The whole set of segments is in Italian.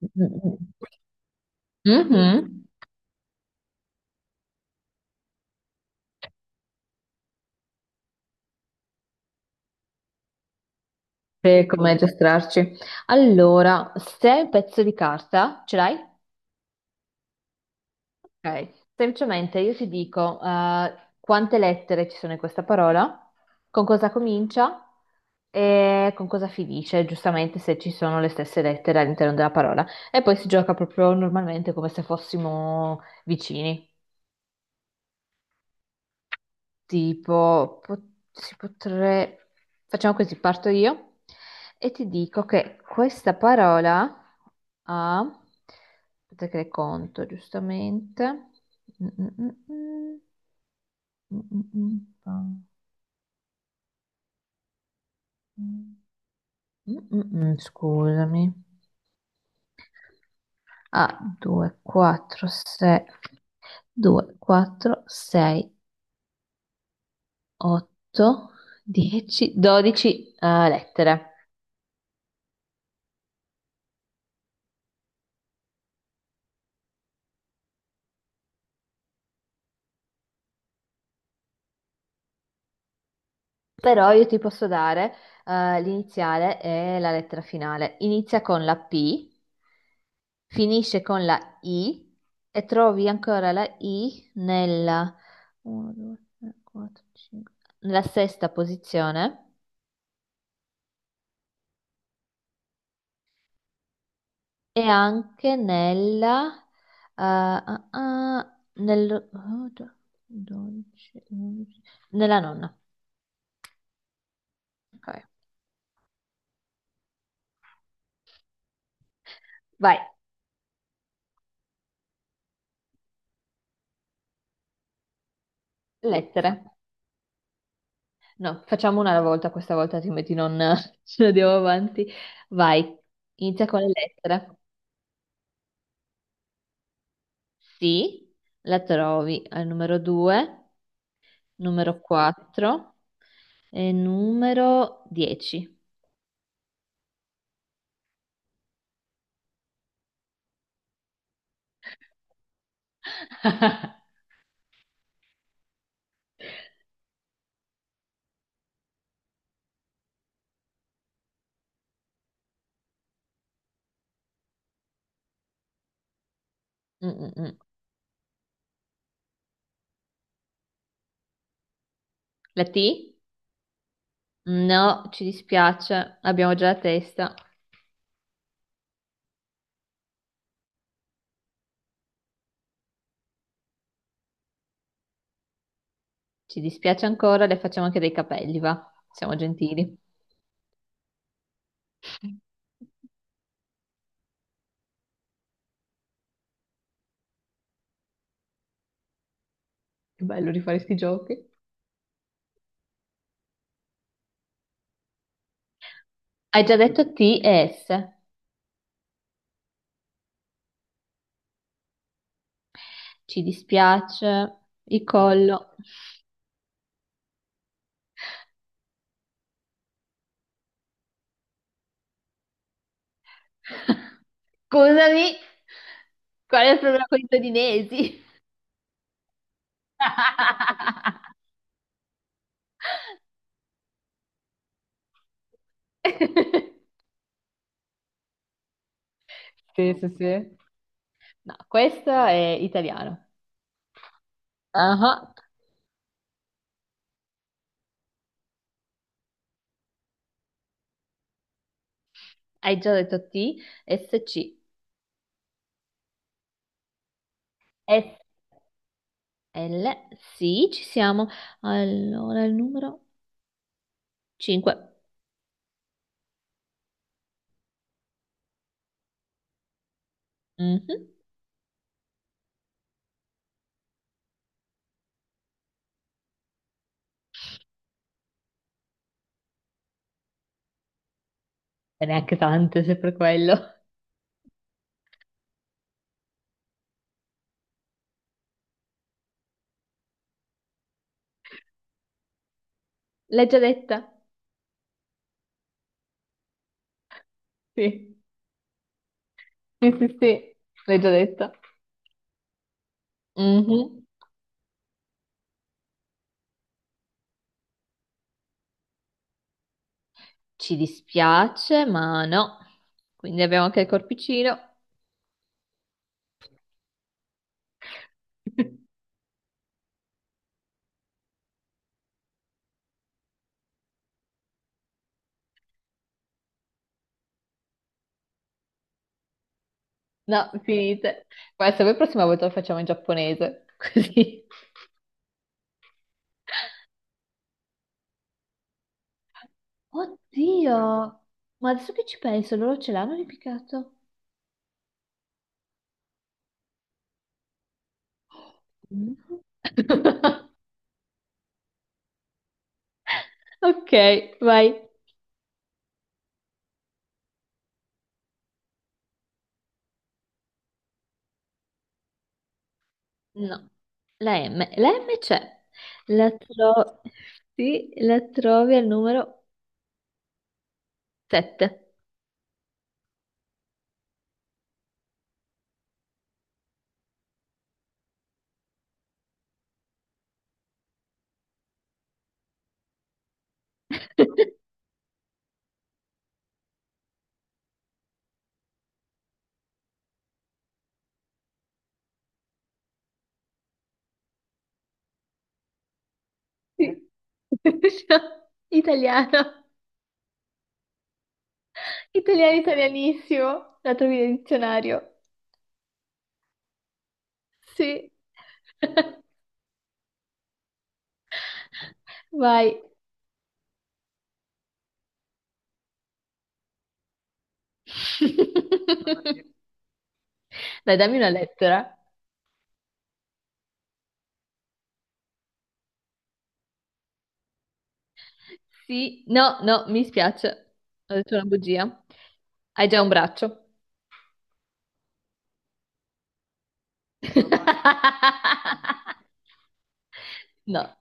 Mhm. Mhm. Per come aggiustarci. Allora, se hai un pezzo di carta ce l'hai? Ok. Semplicemente io ti dico quante lettere ci sono in questa parola, con cosa comincia e con cosa finisce, giustamente se ci sono le stesse lettere all'interno della parola. E poi si gioca proprio normalmente come se fossimo vicini. Tipo, si potrebbe... Facciamo così, parto io e ti dico che questa parola ha... Aspetta che le conto, giustamente. Mm, mm, mm, mm, mm, Scusami. A 2, 4, 6, 2, 4, 6, 8, 10, 12 lettere. Però io ti posso dare l'iniziale e la lettera finale. Inizia con la P, finisce con la I e trovi ancora la I nella, 1, 2, 3, 4, 5, nella sesta posizione e anche nella, ah, ah, nel, oh, do- 12, 11, nella nonna. Ok. Vai, lettere. No, facciamo una alla volta, questa volta altrimenti non ce ne andiamo avanti. Vai, inizia con le lettere. Sì, la trovi al numero 2, numero 4 e numero 10. Mm, mm, mm. La T? No, ci dispiace, abbiamo già la testa. Ci dispiace ancora, le facciamo anche dei capelli, va? Siamo gentili. Che bello rifare sti giochi. Hai già detto T e S. Ci dispiace, il collo. Scusami, qual è il problema con i torinesi? Sì, sì, sì. No, questo è italiano. Ah, hai già detto T, S, C, S, L. Sì, ci siamo. Allora, il numero 5. E neanche tante, se per quello. L'hai già detta? Sì, sì, sì, sì. L'hai già detta. Mhm. Ci dispiace, ma no. Quindi abbiamo anche il corpicino. No, finite. Ma se vuoi, prossima volta lo facciamo in giapponese. Così. Oddio, ma adesso che ci penso, loro ce l'hanno ripiccato? No. Ok, vai. No, la M. La M c'è. La, tro- sì, la trovi al numero 7. Sì. Italiano. Italiano italianissimo, la trovi nel dizionario. Sì. Vai. Dai, dammi una lettera. Sì, no, no, mi spiace. Ho detto una bugia. Hai già un braccio. No.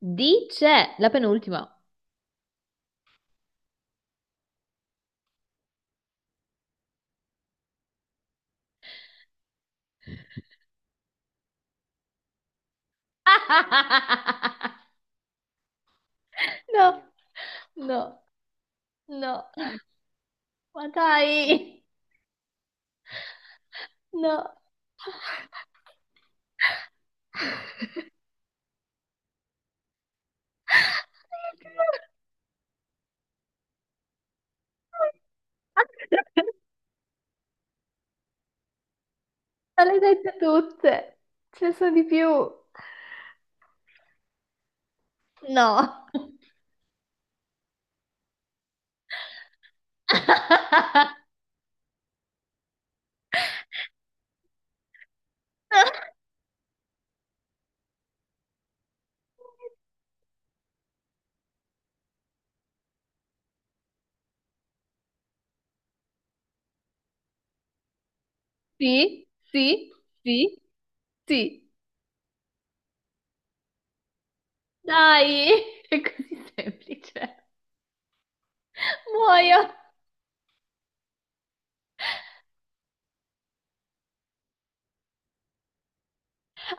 Dice la penultima. No, no, no. Ma dai, no. Ma le hai dette tutte, ce ne sono di più. No. Sì, sì, sì, sì. Dai, è così semplice. Muoio.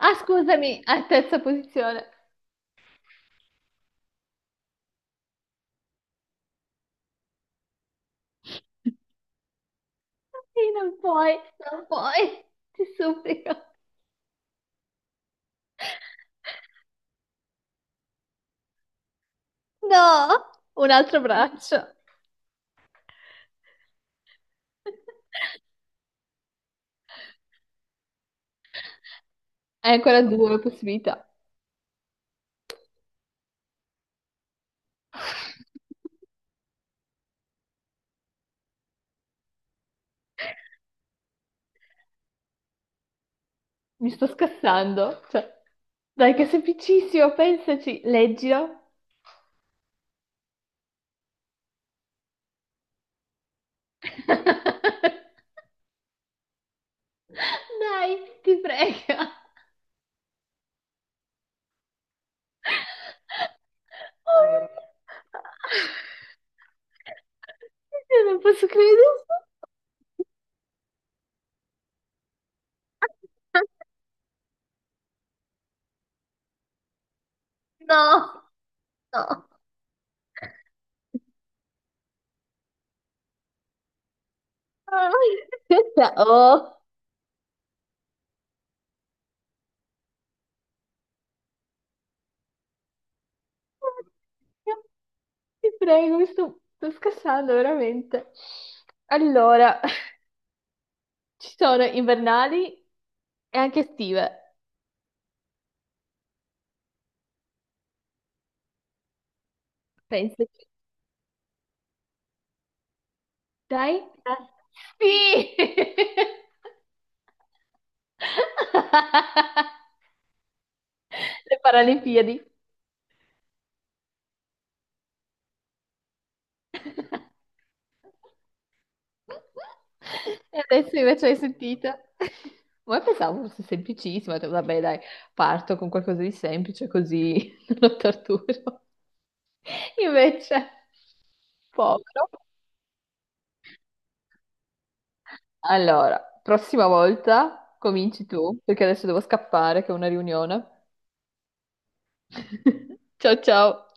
Ah, scusami, a terza posizione. Sì, non puoi, non puoi. Ti supplico. No, un altro braccio. Hai ancora due possibilità. Mi sto scassando. Cioè, dai, che è semplicissimo, pensaci, leggilo. Dai, ti prego. Oh mio Allora. Dio. Io non posso credere. No, no. Oh. Ti prego, mi sto scassando veramente. Allora. Ci sono invernali e anche estive. Pensaci. Dai? Ah, sì! Le Paralimpiadi. E adesso invece hai sentito. Ma pensavo fosse semplicissima, ho detto, vabbè, dai, parto con qualcosa di semplice così non lo torturo. Invece, povero. Allora, prossima volta cominci tu, perché adesso devo scappare che ho una riunione. Ciao ciao.